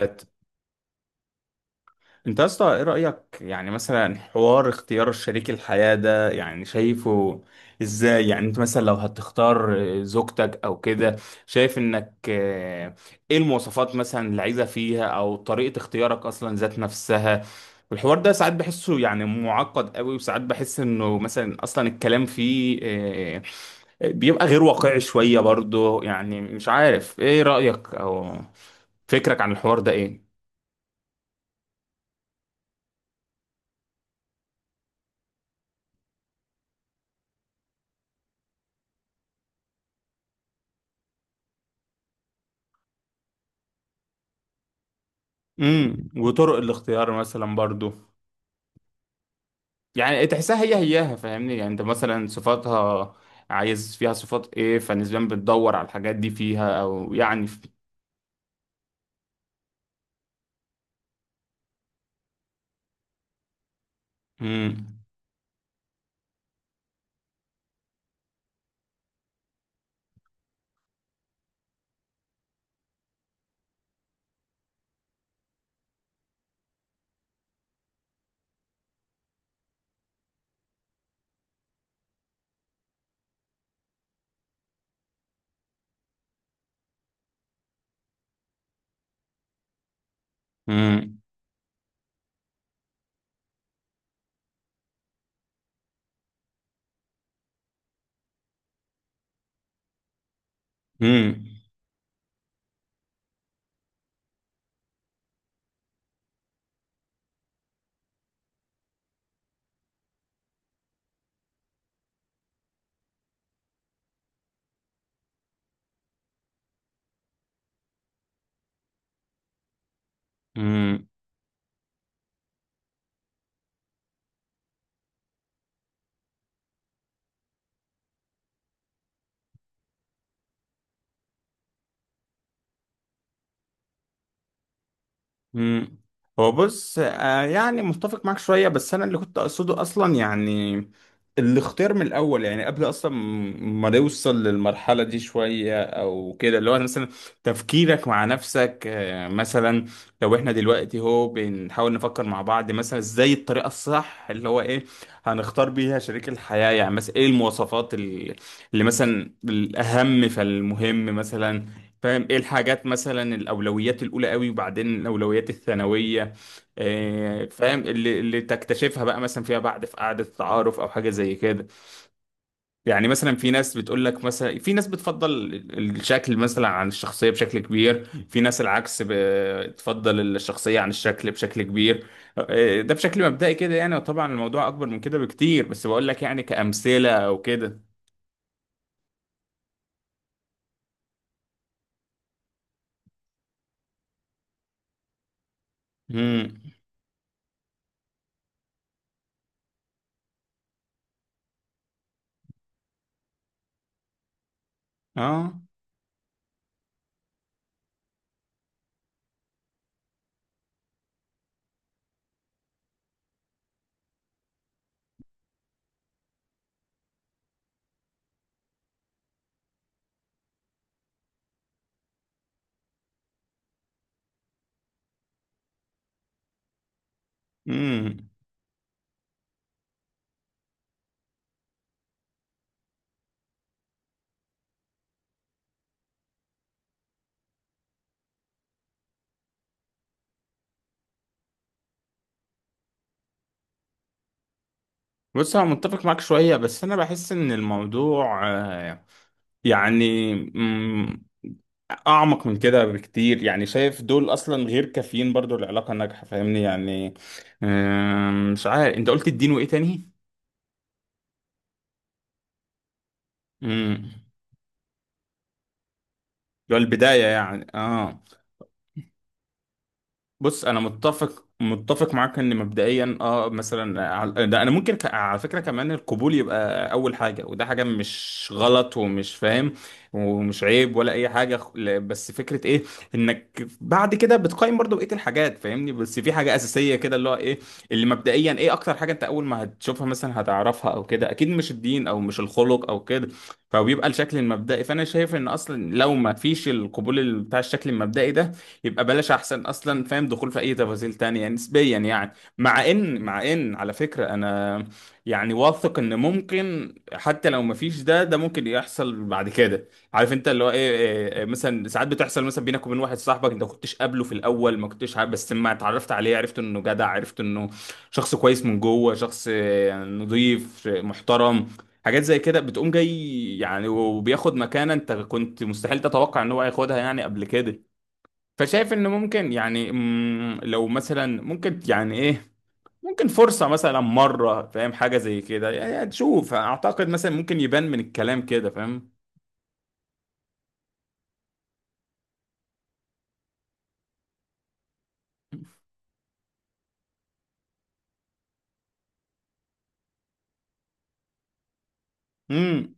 انت يا اسطى ايه رأيك يعني مثلا حوار اختيار شريك الحياة ده؟ يعني شايفه ازاي؟ يعني انت مثلا لو هتختار زوجتك او كده، شايف انك ايه المواصفات مثلا اللي عايزة فيها؟ او طريقة اختيارك اصلا ذات نفسها؟ الحوار ده ساعات بحسه يعني معقد قوي، وساعات بحس انه مثلا اصلا الكلام فيه بيبقى غير واقعي شوية برضه. يعني مش عارف ايه رأيك او فكرك عن الحوار ده؟ ايه؟ وطرق الاختيار مثلا برضو، يعني تحسها هي هياها فاهمني. يعني انت مثلا صفاتها عايز فيها صفات ايه؟ فنسبيا بتدور على الحاجات دي فيها او يعني... امم، امم، امم. مم. هو بص، يعني متفق معاك شوية، بس أنا اللي كنت أقصده أصلا يعني الاختيار من الأول، يعني قبل أصلا ما نوصل للمرحلة دي شوية أو كده، اللي هو مثلا تفكيرك مع نفسك مثلا. لو إحنا دلوقتي هو بنحاول نفكر مع بعض مثلا إزاي الطريقة الصح اللي هو إيه هنختار بيها شريك الحياة؟ يعني مثلا إيه المواصفات اللي مثلا الأهم فالمهم مثلا؟ فاهم، ايه الحاجات مثلا؟ الاولويات الاولى قوي وبعدين الاولويات الثانويه. فاهم اللي تكتشفها بقى مثلا فيما بعد في قعده التعارف او حاجه زي كده. يعني مثلا في ناس بتقول لك مثلا، في ناس بتفضل الشكل مثلا عن الشخصيه بشكل كبير، في ناس العكس بتفضل الشخصيه عن الشكل بشكل كبير. ده بشكل مبدئي كده يعني، وطبعا الموضوع اكبر من كده بكتير، بس بقول لك يعني كامثله او كده. امم، اه. بص انا متفق معاك شويه، بس انا بحس ان الموضوع يعني اعمق من كده بكتير. يعني شايف دول اصلا غير كافيين برضو العلاقه ناجحه، فاهمني يعني. مش عارف، انت قلت الدين وايه تاني؟ امم اللي هو البدايه يعني اه. بص انا متفق معاك ان مبدئيا مثلا، ده انا ممكن على فكره كمان القبول يبقى اول حاجه، وده حاجه مش غلط ومش فاهم ومش عيب ولا اي حاجه بس فكره ايه انك بعد كده بتقيم برضو بقيه الحاجات فاهمني. بس في حاجه اساسيه كده اللي هو ايه، اللي مبدئيا ايه اكتر حاجه انت اول ما هتشوفها مثلا هتعرفها او كده؟ اكيد مش الدين او مش الخلق او كده، فبيبقى الشكل المبدئي. فانا شايف ان اصلا لو ما فيش القبول بتاع الشكل المبدئي ده يبقى بلاش احسن اصلا، فاهم، دخول في اي تفاصيل تانية نسبيا يعني. مع ان على فكرة انا يعني واثق ان ممكن حتى لو مفيش ده، ده ممكن يحصل بعد كده. عارف انت اللي هو ايه، إيه، مثلا ساعات بتحصل مثلا بينك وبين واحد صاحبك انت ما كنتش قابله في الاول، ما كنتش عارف، بس لما اتعرفت عليه عرفت انه جدع، عرفت انه شخص كويس من جوه، شخص نضيف، محترم. حاجات زي كده بتقوم جاي يعني، وبياخد مكانة انت كنت مستحيل تتوقع ان هو هياخدها يعني قبل كده. فشايف ان ممكن يعني، لو مثلا ممكن يعني ايه، ممكن فرصة مثلا مرة فاهم حاجة زي كده يعني تشوف. اعتقد مثلا ممكن يبان من الكلام كده، فاهم. امم،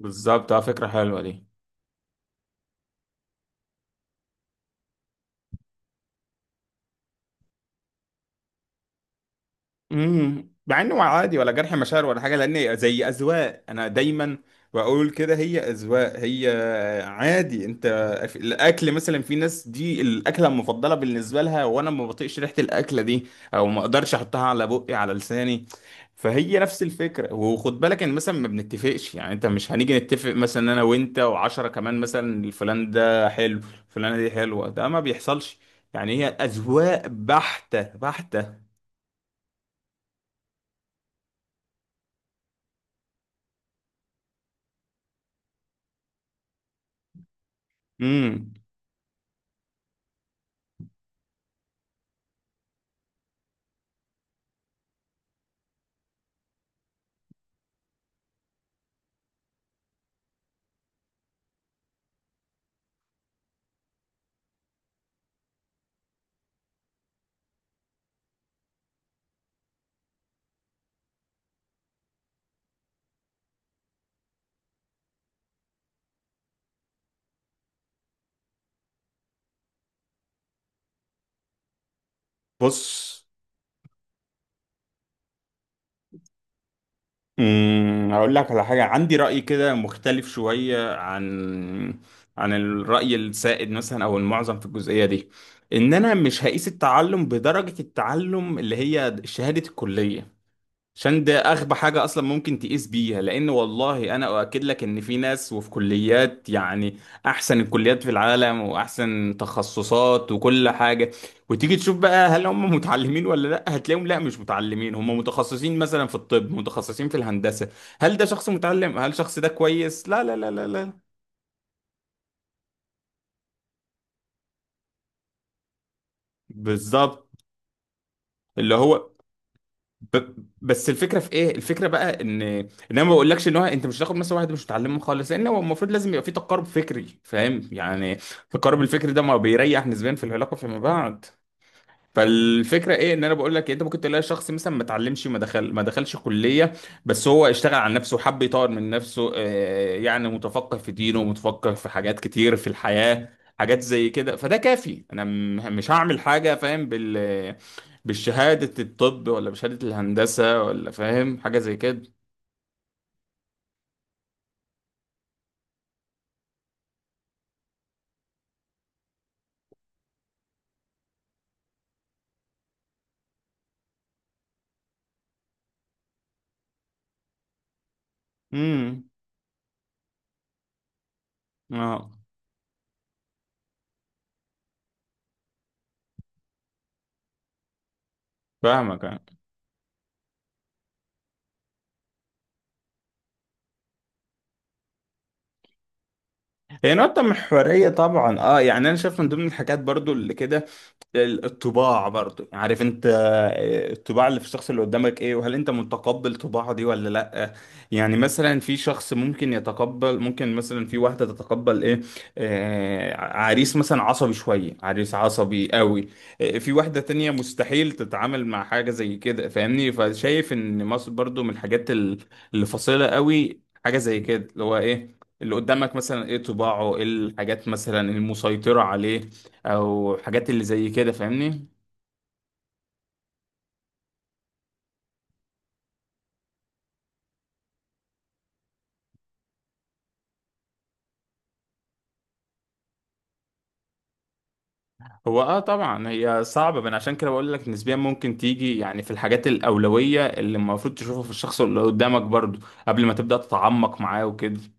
بالظبط، اه، فكرة حلوة دي. امم، مع انه عادي ولا جرح مشاعر ولا حاجه، لان زي اذواق. انا دايما بقول كده، هي اذواق هي. عادي انت في الاكل مثلا، في ناس دي الاكله المفضله بالنسبه لها وانا ما بطيقش ريحه الاكله دي او ما اقدرش احطها على بقي على لساني. فهي نفس الفكره، وخد بالك ان مثلا ما بنتفقش، يعني انت مش هنيجي نتفق مثلا انا وانت وعشرة كمان مثلا فلان ده حلو، فلانه دي حلوه، ده ما بيحصلش، يعني هي اذواق بحته بحته. امم. بص، هقول لك على حاجة عندي رأي كده مختلف شوية عن الرأي السائد مثلا أو المعظم في الجزئية دي، إن أنا مش هقيس التعلم بدرجة التعلم اللي هي شهادة الكلية. عشان ده اغبى حاجه اصلا ممكن تقيس بيها، لان والله انا اؤكد لك ان في ناس وفي كليات يعني احسن الكليات في العالم واحسن تخصصات وكل حاجه، وتيجي تشوف بقى هل هم متعلمين ولا لا، هتلاقيهم لا مش متعلمين، هم متخصصين مثلا في الطب، متخصصين في الهندسه. هل ده شخص متعلم؟ هل الشخص ده كويس؟ لا لا لا لا لا. بالظبط. اللي هو ب... بس الفكره في ايه؟ الفكره بقى ان انا ما بقولكش ان هو انت مش هتاخد مثلا واحد مش متعلمه خالص، لان هو المفروض لازم يبقى في تقارب فكري فاهم يعني، التقارب الفكري ده ما بيريح نسبيا في العلاقه فيما بعد. فالفكره ايه، ان انا بقول لك إيه؟ انت ممكن تلاقي شخص مثلا ما اتعلمش، ما دخلش كليه، بس هو اشتغل على نفسه وحب يطور من نفسه، يعني متفقه في دينه، متفقه في حاجات كتير في الحياه، حاجات زي كده، فده كافي. انا مش هعمل حاجه فاهم بالشهاده الطب ولا بشهاده الهندسه ولا فاهم حاجه زي كده. امم، اه، فاهمك آه. هي نقطة محورية طبعا اه، يعني انا شايف من ضمن الحاجات برضو اللي كده الطباع برضو. يعني عارف انت، الطباع اللي في الشخص اللي قدامك ايه، وهل انت متقبل طباعه دي ولا لا. يعني مثلا في شخص ممكن يتقبل، ممكن مثلا في واحدة تتقبل ايه، عريس مثلا عصبي شوية، عريس عصبي قوي. في واحدة تانية مستحيل تتعامل مع حاجة زي كده فاهمني. فشايف ان مصر برضو من الحاجات اللي فاصلة قوي، حاجة زي كده، اللي هو ايه اللي قدامك مثلا، ايه طباعه، ايه الحاجات مثلا المسيطرة عليه او حاجات اللي زي كده فاهمني. هو اه طبعا هي صعبة من عشان كده بقول لك نسبيا ممكن تيجي يعني في الحاجات الأولوية اللي المفروض تشوفها في الشخص اللي قدامك برضو قبل ما تبدأ تتعمق معاه وكده.